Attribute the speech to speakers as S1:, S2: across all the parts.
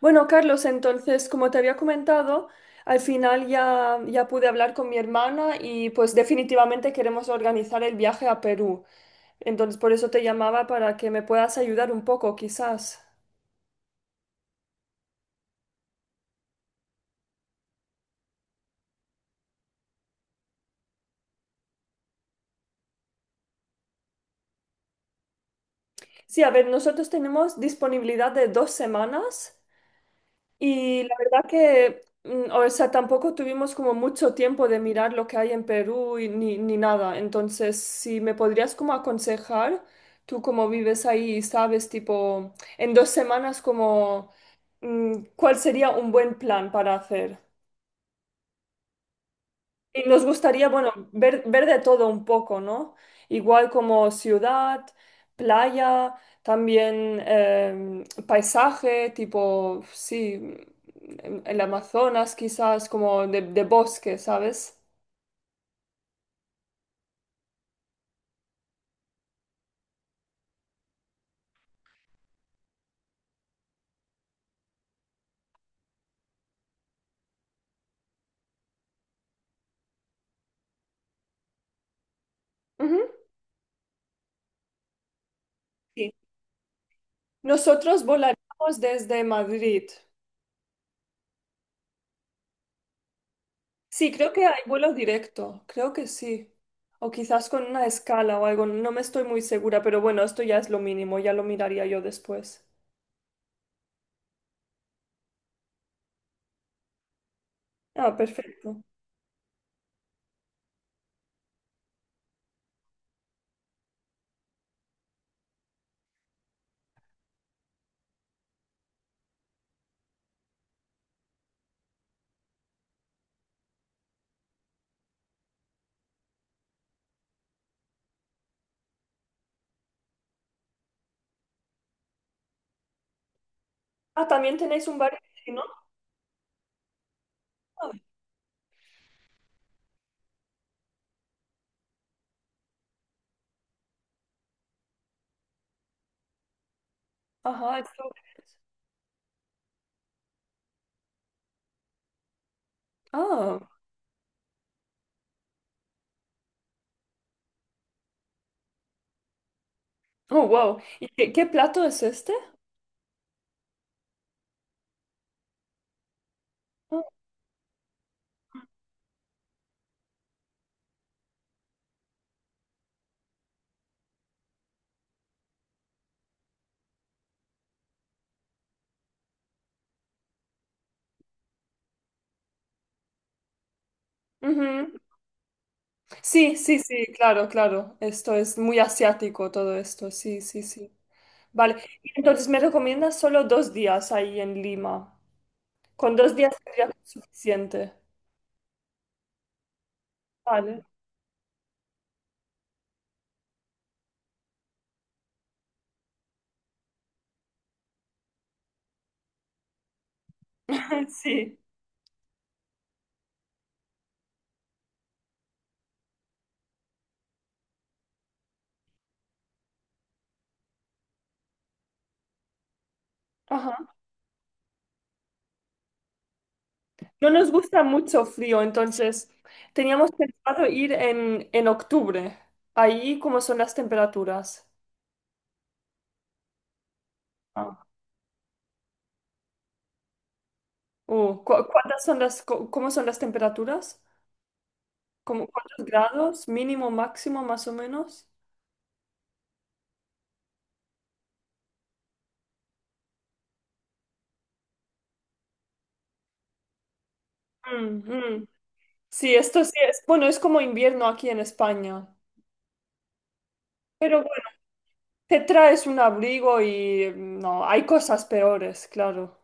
S1: Bueno, Carlos, entonces, como te había comentado, al final ya pude hablar con mi hermana y pues definitivamente queremos organizar el viaje a Perú. Entonces, por eso te llamaba para que me puedas ayudar un poco, quizás. Sí, a ver, nosotros tenemos disponibilidad de 2 semanas. Y la verdad que, o sea, tampoco tuvimos como mucho tiempo de mirar lo que hay en Perú y ni nada. Entonces, si me podrías como aconsejar, tú como vives ahí y sabes, tipo, en 2 semanas como, ¿cuál sería un buen plan para hacer? Y nos gustaría, bueno, ver de todo un poco, ¿no? Igual como ciudad, playa, también paisaje, tipo, sí, en el Amazonas quizás, como de bosque, ¿sabes? Ujú, sí. Nosotros volaríamos desde Madrid. Sí, creo que hay vuelo directo, creo que sí. O quizás con una escala o algo, no me estoy muy segura, pero bueno, esto ya es lo mínimo, ya lo miraría yo después. Ah, perfecto. Ah, también tenéis un bar chino. Ajá, esto. Ah, oh, wow. ¿Y qué plato es este? Ah, ujú. Sí, sí, sí, claro, claro. Esto es muy asiático todo esto, sí, sí, sí. Vale, y entonces me recomiendas solo 2 días ahí en Lima. Con 2 días sería suficiente. Vale, sí. Ajá. No nos gusta mucho frío, entonces teníamos pensado ir en octubre. Ahí, ¿cómo son las temperaturas? Oh, cuántas son ¿cómo son las temperaturas? ¿Cuántos grados? ¿Mínimo, máximo, más o menos? Mm, mm. Sí, esto sí es, bueno, es como invierno aquí en España. Pero bueno, te traes un abrigo y no, hay cosas peores, claro.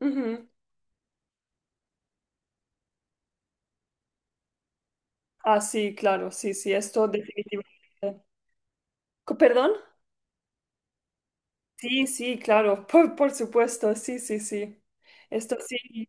S1: Ujú. Ah, sí, claro, sí, sí, esto definitivamente. ¿Perdón? Sí, sí, claro, por supuesto, sí, sí, sí. Esto sí.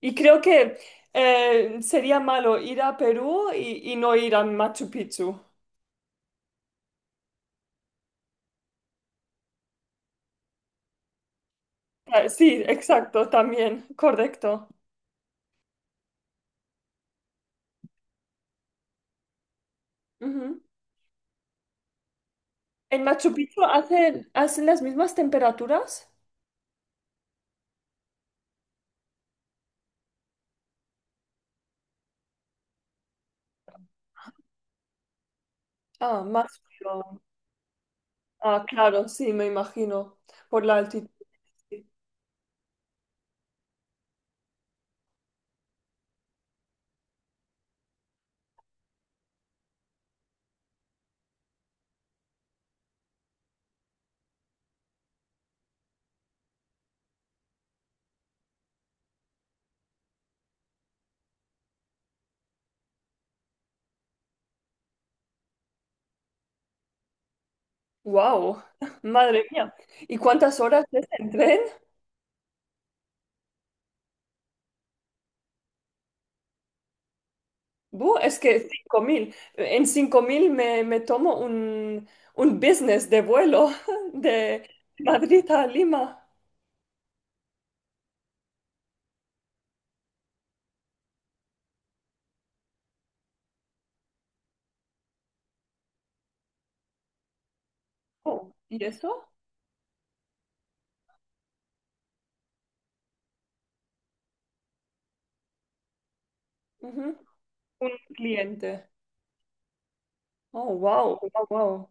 S1: Y creo que sería malo ir a Perú y no ir a Machu Picchu. Ah, sí, exacto, también, correcto. Ujú. ¿En Machu Picchu hacen las mismas temperaturas? Ah, más frío. Ah, claro, sí, me imagino, por la altitud. Wow, madre mía. ¿Y cuántas horas es en tren? Bu, es que 5000. En 5000 me, me tomo un business de vuelo de Madrid a Lima. Oh, ¿y eso? Ujú. Un cliente. Oh, wow, wow, wow.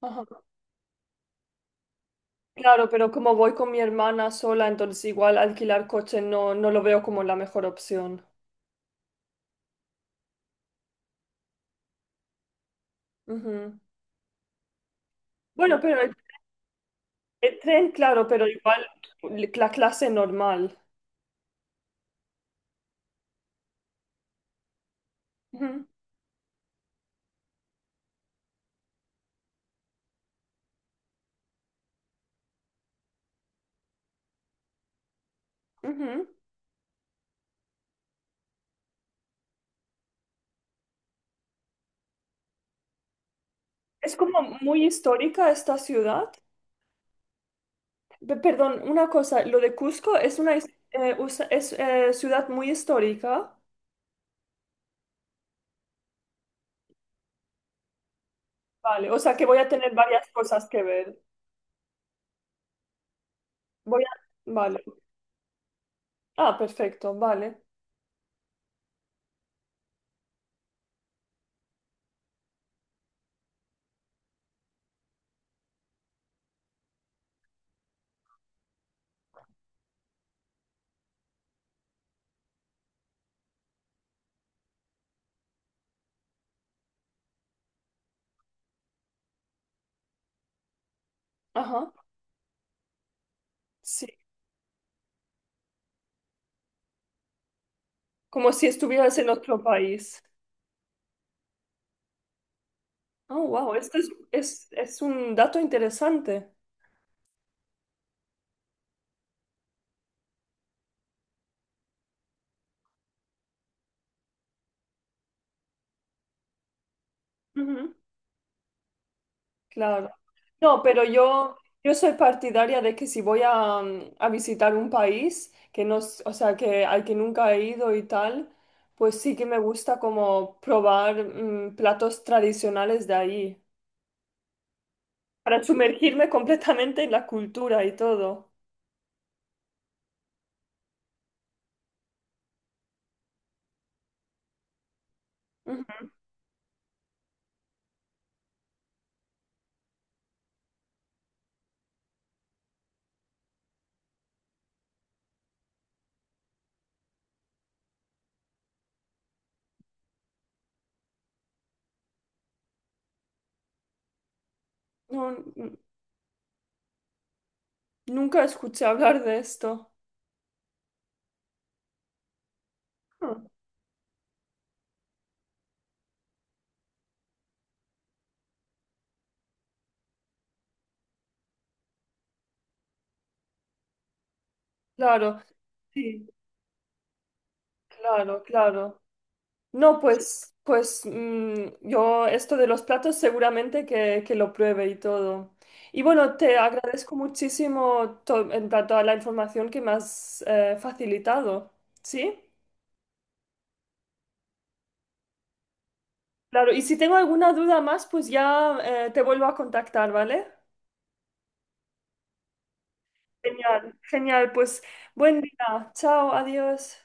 S1: Ajá. Claro, pero como voy con mi hermana sola, entonces igual alquilar coche no, no lo veo como la mejor opción. Ujú. Bueno, sí, pero el tren, claro, pero igual la clase normal. Ujú, ujú. Es como muy histórica esta ciudad. Perdón, una cosa, lo de Cusco es una es, ciudad muy histórica. Vale, o sea que voy a tener varias cosas que ver. Voy a... Vale. Ah, perfecto, vale. Ajá, sí. Como si estuvieras en otro país. Oh, wow, este es un dato interesante. Ujú, claro. No, pero yo soy partidaria de que si voy a, a visitar un país que no, o sea, que al que nunca he ido y tal, pues sí que me gusta como probar platos tradicionales de ahí, para sumergirme completamente en la cultura y todo. Ujú. No, n- nunca escuché hablar de esto. Ah, claro, sí, claro, claro. No, pues, yo esto de los platos seguramente que lo pruebe y todo. Y bueno, te agradezco muchísimo en plan, toda la información que me has facilitado, ¿sí? Claro, y si tengo alguna duda más, pues ya te vuelvo a contactar, ¿vale? Genial, genial, pues buen día, chao, adiós.